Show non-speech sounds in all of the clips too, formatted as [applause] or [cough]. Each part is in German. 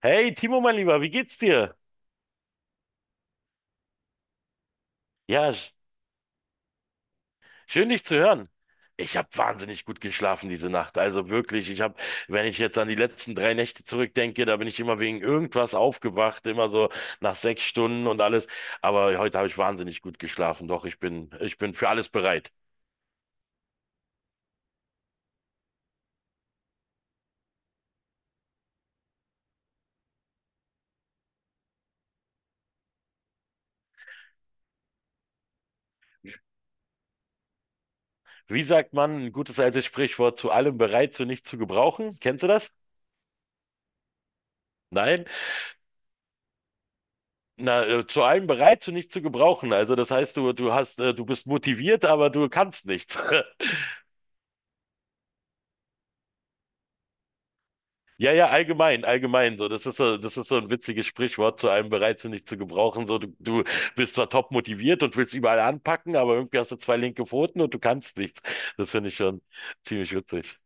Hey, Timo, mein Lieber, wie geht's dir? Ja, schön dich zu hören. Ich habe wahnsinnig gut geschlafen diese Nacht. Also wirklich, ich habe, wenn ich jetzt an die letzten 3 Nächte zurückdenke, da bin ich immer wegen irgendwas aufgewacht, immer so nach 6 Stunden und alles. Aber heute habe ich wahnsinnig gut geschlafen. Doch, ich bin für alles bereit. Wie sagt man, ein gutes altes Sprichwort, zu allem bereit, zu nichts zu gebrauchen? Kennst du das? Nein, na, zu allem bereit, zu nichts zu gebrauchen. Also das heißt, du hast, du bist motiviert, aber du kannst nichts. [laughs] Ja, ja, allgemein, allgemein so. Das ist so ein witziges Sprichwort zu einem bereit sind nicht zu gebrauchen. So, du bist zwar top motiviert und willst überall anpacken, aber irgendwie hast du zwei linke Pfoten und du kannst nichts. Das finde ich schon ziemlich witzig.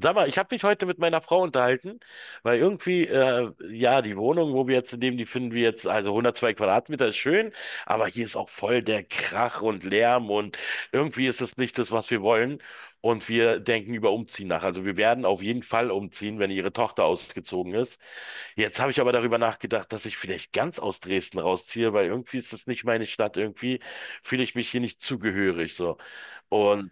Sag mal, ich habe mich heute mit meiner Frau unterhalten, weil irgendwie, ja, die Wohnung, wo wir jetzt leben, die finden wir jetzt, also 102 Quadratmeter ist schön, aber hier ist auch voll der Krach und Lärm und irgendwie ist es nicht das, was wir wollen. Und wir denken über Umziehen nach. Also wir werden auf jeden Fall umziehen, wenn ihre Tochter ausgezogen ist. Jetzt habe ich aber darüber nachgedacht, dass ich vielleicht ganz aus Dresden rausziehe, weil irgendwie ist das nicht meine Stadt. Irgendwie fühle ich mich hier nicht zugehörig, so. Und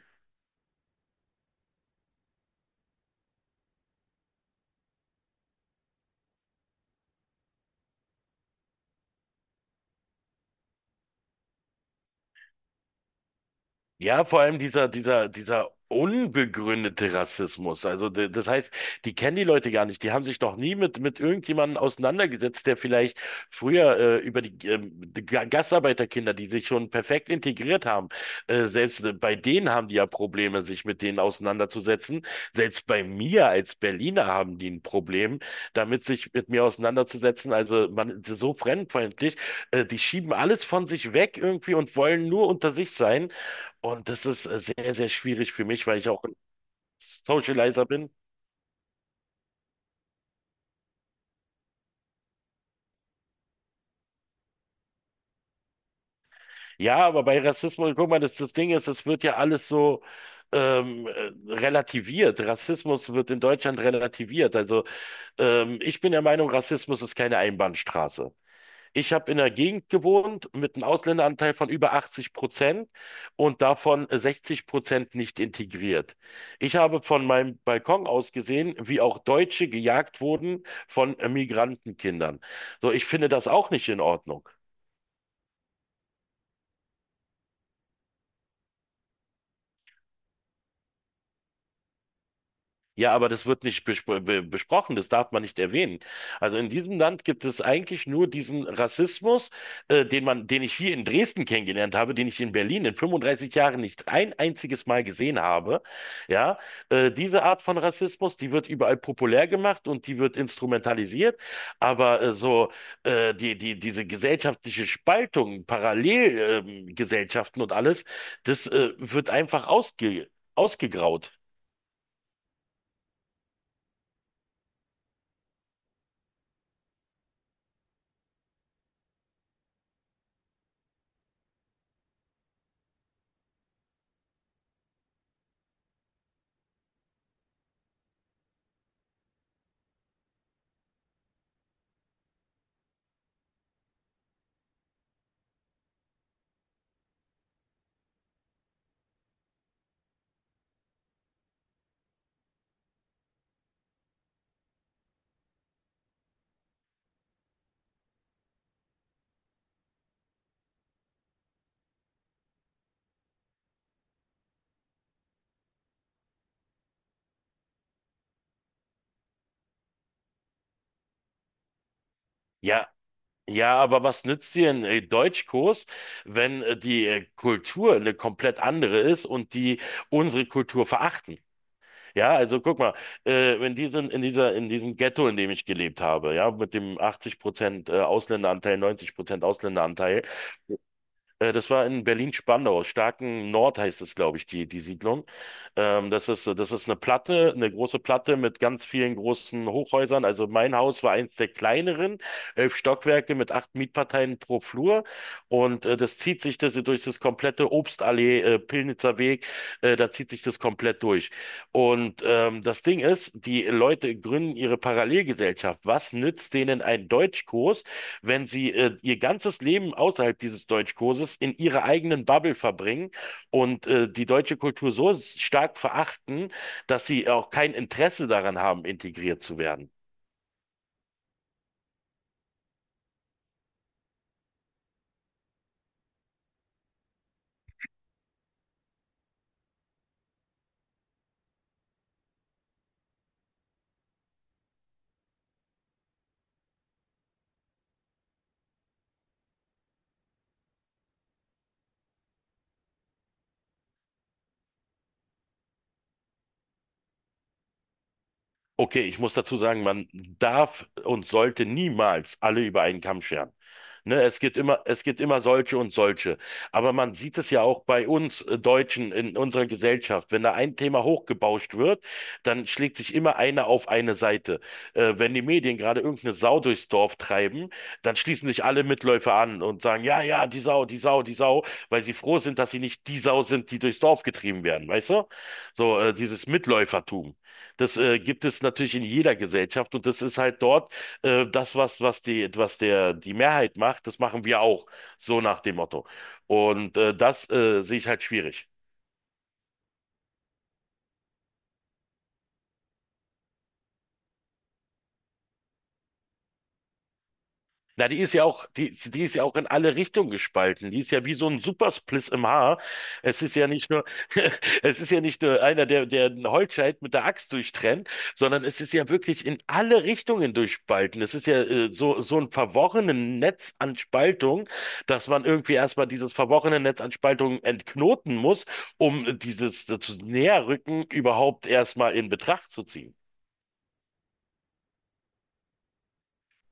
ja, vor allem dieser unbegründete Rassismus. Also, das heißt, die kennen die Leute gar nicht. Die haben sich noch nie mit irgendjemandem auseinandergesetzt, der vielleicht früher über die Gastarbeiterkinder, die sich schon perfekt integriert haben, selbst bei denen haben die ja Probleme, sich mit denen auseinanderzusetzen. Selbst bei mir als Berliner haben die ein Problem, damit sich mit mir auseinanderzusetzen. Also, man ist so fremdenfeindlich. Die schieben alles von sich weg irgendwie und wollen nur unter sich sein. Und das ist sehr, sehr schwierig für mich, weil ich auch ein Socializer bin. Ja, aber bei Rassismus, guck mal, das Ding ist, es wird ja alles so relativiert. Rassismus wird in Deutschland relativiert. Also ich bin der Meinung, Rassismus ist keine Einbahnstraße. Ich habe in der Gegend gewohnt mit einem Ausländeranteil von über 80% und davon 60% nicht integriert. Ich habe von meinem Balkon aus gesehen, wie auch Deutsche gejagt wurden von Migrantenkindern. So, ich finde das auch nicht in Ordnung. Ja, aber das wird nicht besprochen, das darf man nicht erwähnen. Also in diesem Land gibt es eigentlich nur diesen Rassismus, den ich hier in Dresden kennengelernt habe, den ich in Berlin in 35 Jahren nicht ein einziges Mal gesehen habe. Ja, diese Art von Rassismus, die wird überall populär gemacht und die wird instrumentalisiert. Aber so diese gesellschaftliche Spaltung, Parallelgesellschaften und alles, das wird einfach ausgegraut. Ja, ja, aber was nützt dir ein Deutschkurs, wenn die Kultur eine komplett andere ist und die unsere Kultur verachten? Ja, also guck mal, in diesem Ghetto, in dem ich gelebt habe, ja, mit dem 80% Ausländeranteil, 90% Ausländeranteil, das war in Berlin-Spandau, Starken Nord heißt es, glaube ich, die Siedlung. Das ist eine Platte, eine große Platte mit ganz vielen großen Hochhäusern. Also mein Haus war eins der kleineren, 11 Stockwerke mit acht Mietparteien pro Flur. Und das zieht sich das, durch das komplette Obstallee, Pillnitzer Weg, da zieht sich das komplett durch. Und das Ding ist, die Leute gründen ihre Parallelgesellschaft. Was nützt denen ein Deutschkurs, wenn sie ihr ganzes Leben außerhalb dieses Deutschkurses in ihrer eigenen Bubble verbringen und die deutsche Kultur so stark verachten, dass sie auch kein Interesse daran haben, integriert zu werden? Okay, ich muss dazu sagen, man darf und sollte niemals alle über einen Kamm scheren. Ne, es gibt immer solche und solche. Aber man sieht es ja auch bei uns Deutschen in unserer Gesellschaft. Wenn da ein Thema hochgebauscht wird, dann schlägt sich immer einer auf eine Seite. Wenn die Medien gerade irgendeine Sau durchs Dorf treiben, dann schließen sich alle Mitläufer an und sagen, ja, ja, die Sau, die Sau, die Sau, weil sie froh sind, dass sie nicht die Sau sind, die durchs Dorf getrieben werden, weißt du? So, dieses Mitläufertum. Das gibt es natürlich in jeder Gesellschaft und das ist halt dort das, was die Mehrheit macht, das machen wir auch. So nach dem Motto. Und das sehe ich halt schwierig. Na, die ist ja auch in alle Richtungen gespalten. Die ist ja wie so ein Superspliss im Haar. Es ist ja nicht nur, [laughs] es ist ja nicht nur einer, der einen Holzscheit mit der Axt durchtrennt, sondern es ist ja wirklich in alle Richtungen durchspalten. Es ist ja so, so ein verworrenes Netz an Spaltung, dass man irgendwie erstmal dieses verworrene Netz an Spaltung entknoten muss, um dieses zu Näherrücken überhaupt erstmal in Betracht zu ziehen.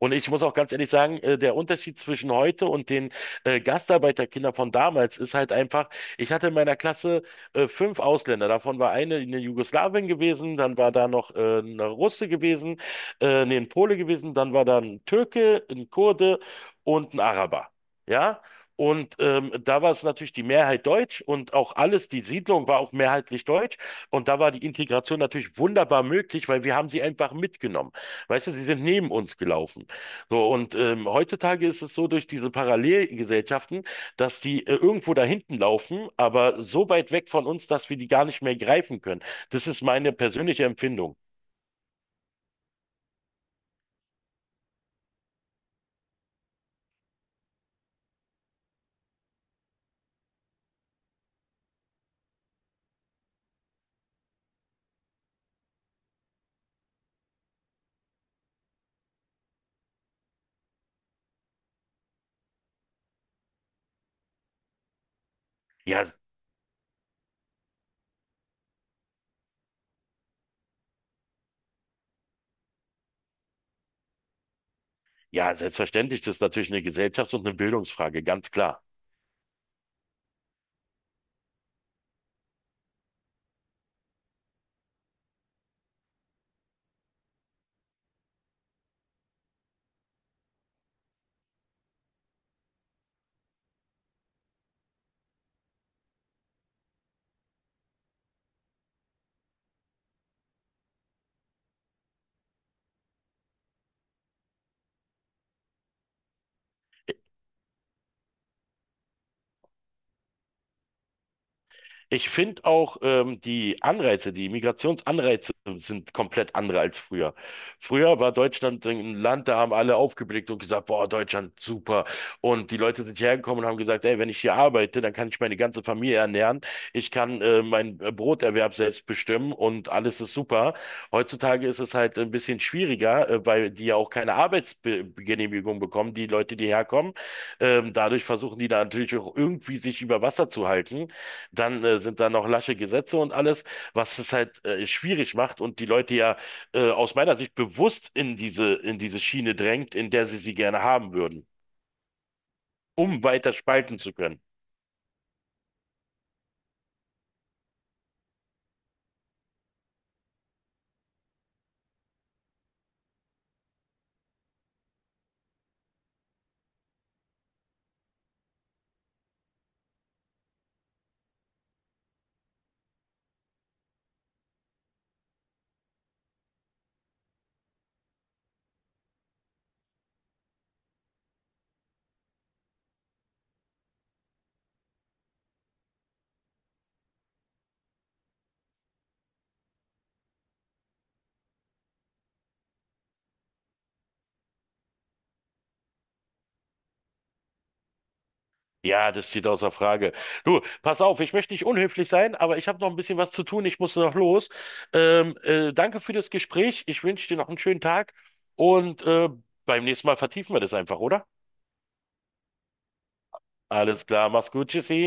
Und ich muss auch ganz ehrlich sagen, der Unterschied zwischen heute und den Gastarbeiterkindern von damals ist halt einfach, ich hatte in meiner Klasse fünf Ausländer. Davon war eine in Jugoslawien gewesen, dann war da noch eine Russe gewesen, nee, ein Pole gewesen, dann war da ein Türke, ein Kurde und ein Araber. Ja? Und da war es natürlich die Mehrheit deutsch und auch alles, die Siedlung war auch mehrheitlich deutsch. Und da war die Integration natürlich wunderbar möglich, weil wir haben sie einfach mitgenommen. Weißt du, sie sind neben uns gelaufen. So, und heutzutage ist es so durch diese Parallelgesellschaften, dass die irgendwo da hinten laufen, aber so weit weg von uns, dass wir die gar nicht mehr greifen können. Das ist meine persönliche Empfindung. Ja, ja, selbstverständlich, das ist natürlich eine Gesellschafts- und eine Bildungsfrage, ganz klar. Ich finde auch die Migrationsanreize sind komplett andere als früher. Früher war Deutschland ein Land, da haben alle aufgeblickt und gesagt, boah, Deutschland, super. Und die Leute sind hierher gekommen und haben gesagt, ey, wenn ich hier arbeite, dann kann ich meine ganze Familie ernähren, ich kann meinen Broterwerb selbst bestimmen und alles ist super. Heutzutage ist es halt ein bisschen schwieriger, weil die ja auch keine Arbeitsgenehmigung bekommen, die Leute, die herkommen. Dadurch versuchen die da natürlich auch irgendwie sich über Wasser zu halten. Dann sind da noch lasche Gesetze und alles, was es halt schwierig macht und die Leute ja aus meiner Sicht bewusst in diese Schiene drängt, in der sie sie gerne haben würden, um weiter spalten zu können. Ja, das steht außer Frage. Du, pass auf, ich möchte nicht unhöflich sein, aber ich habe noch ein bisschen was zu tun, ich muss noch los. Danke für das Gespräch, ich wünsche dir noch einen schönen Tag und beim nächsten Mal vertiefen wir das einfach, oder? Alles klar, mach's gut, tschüssi.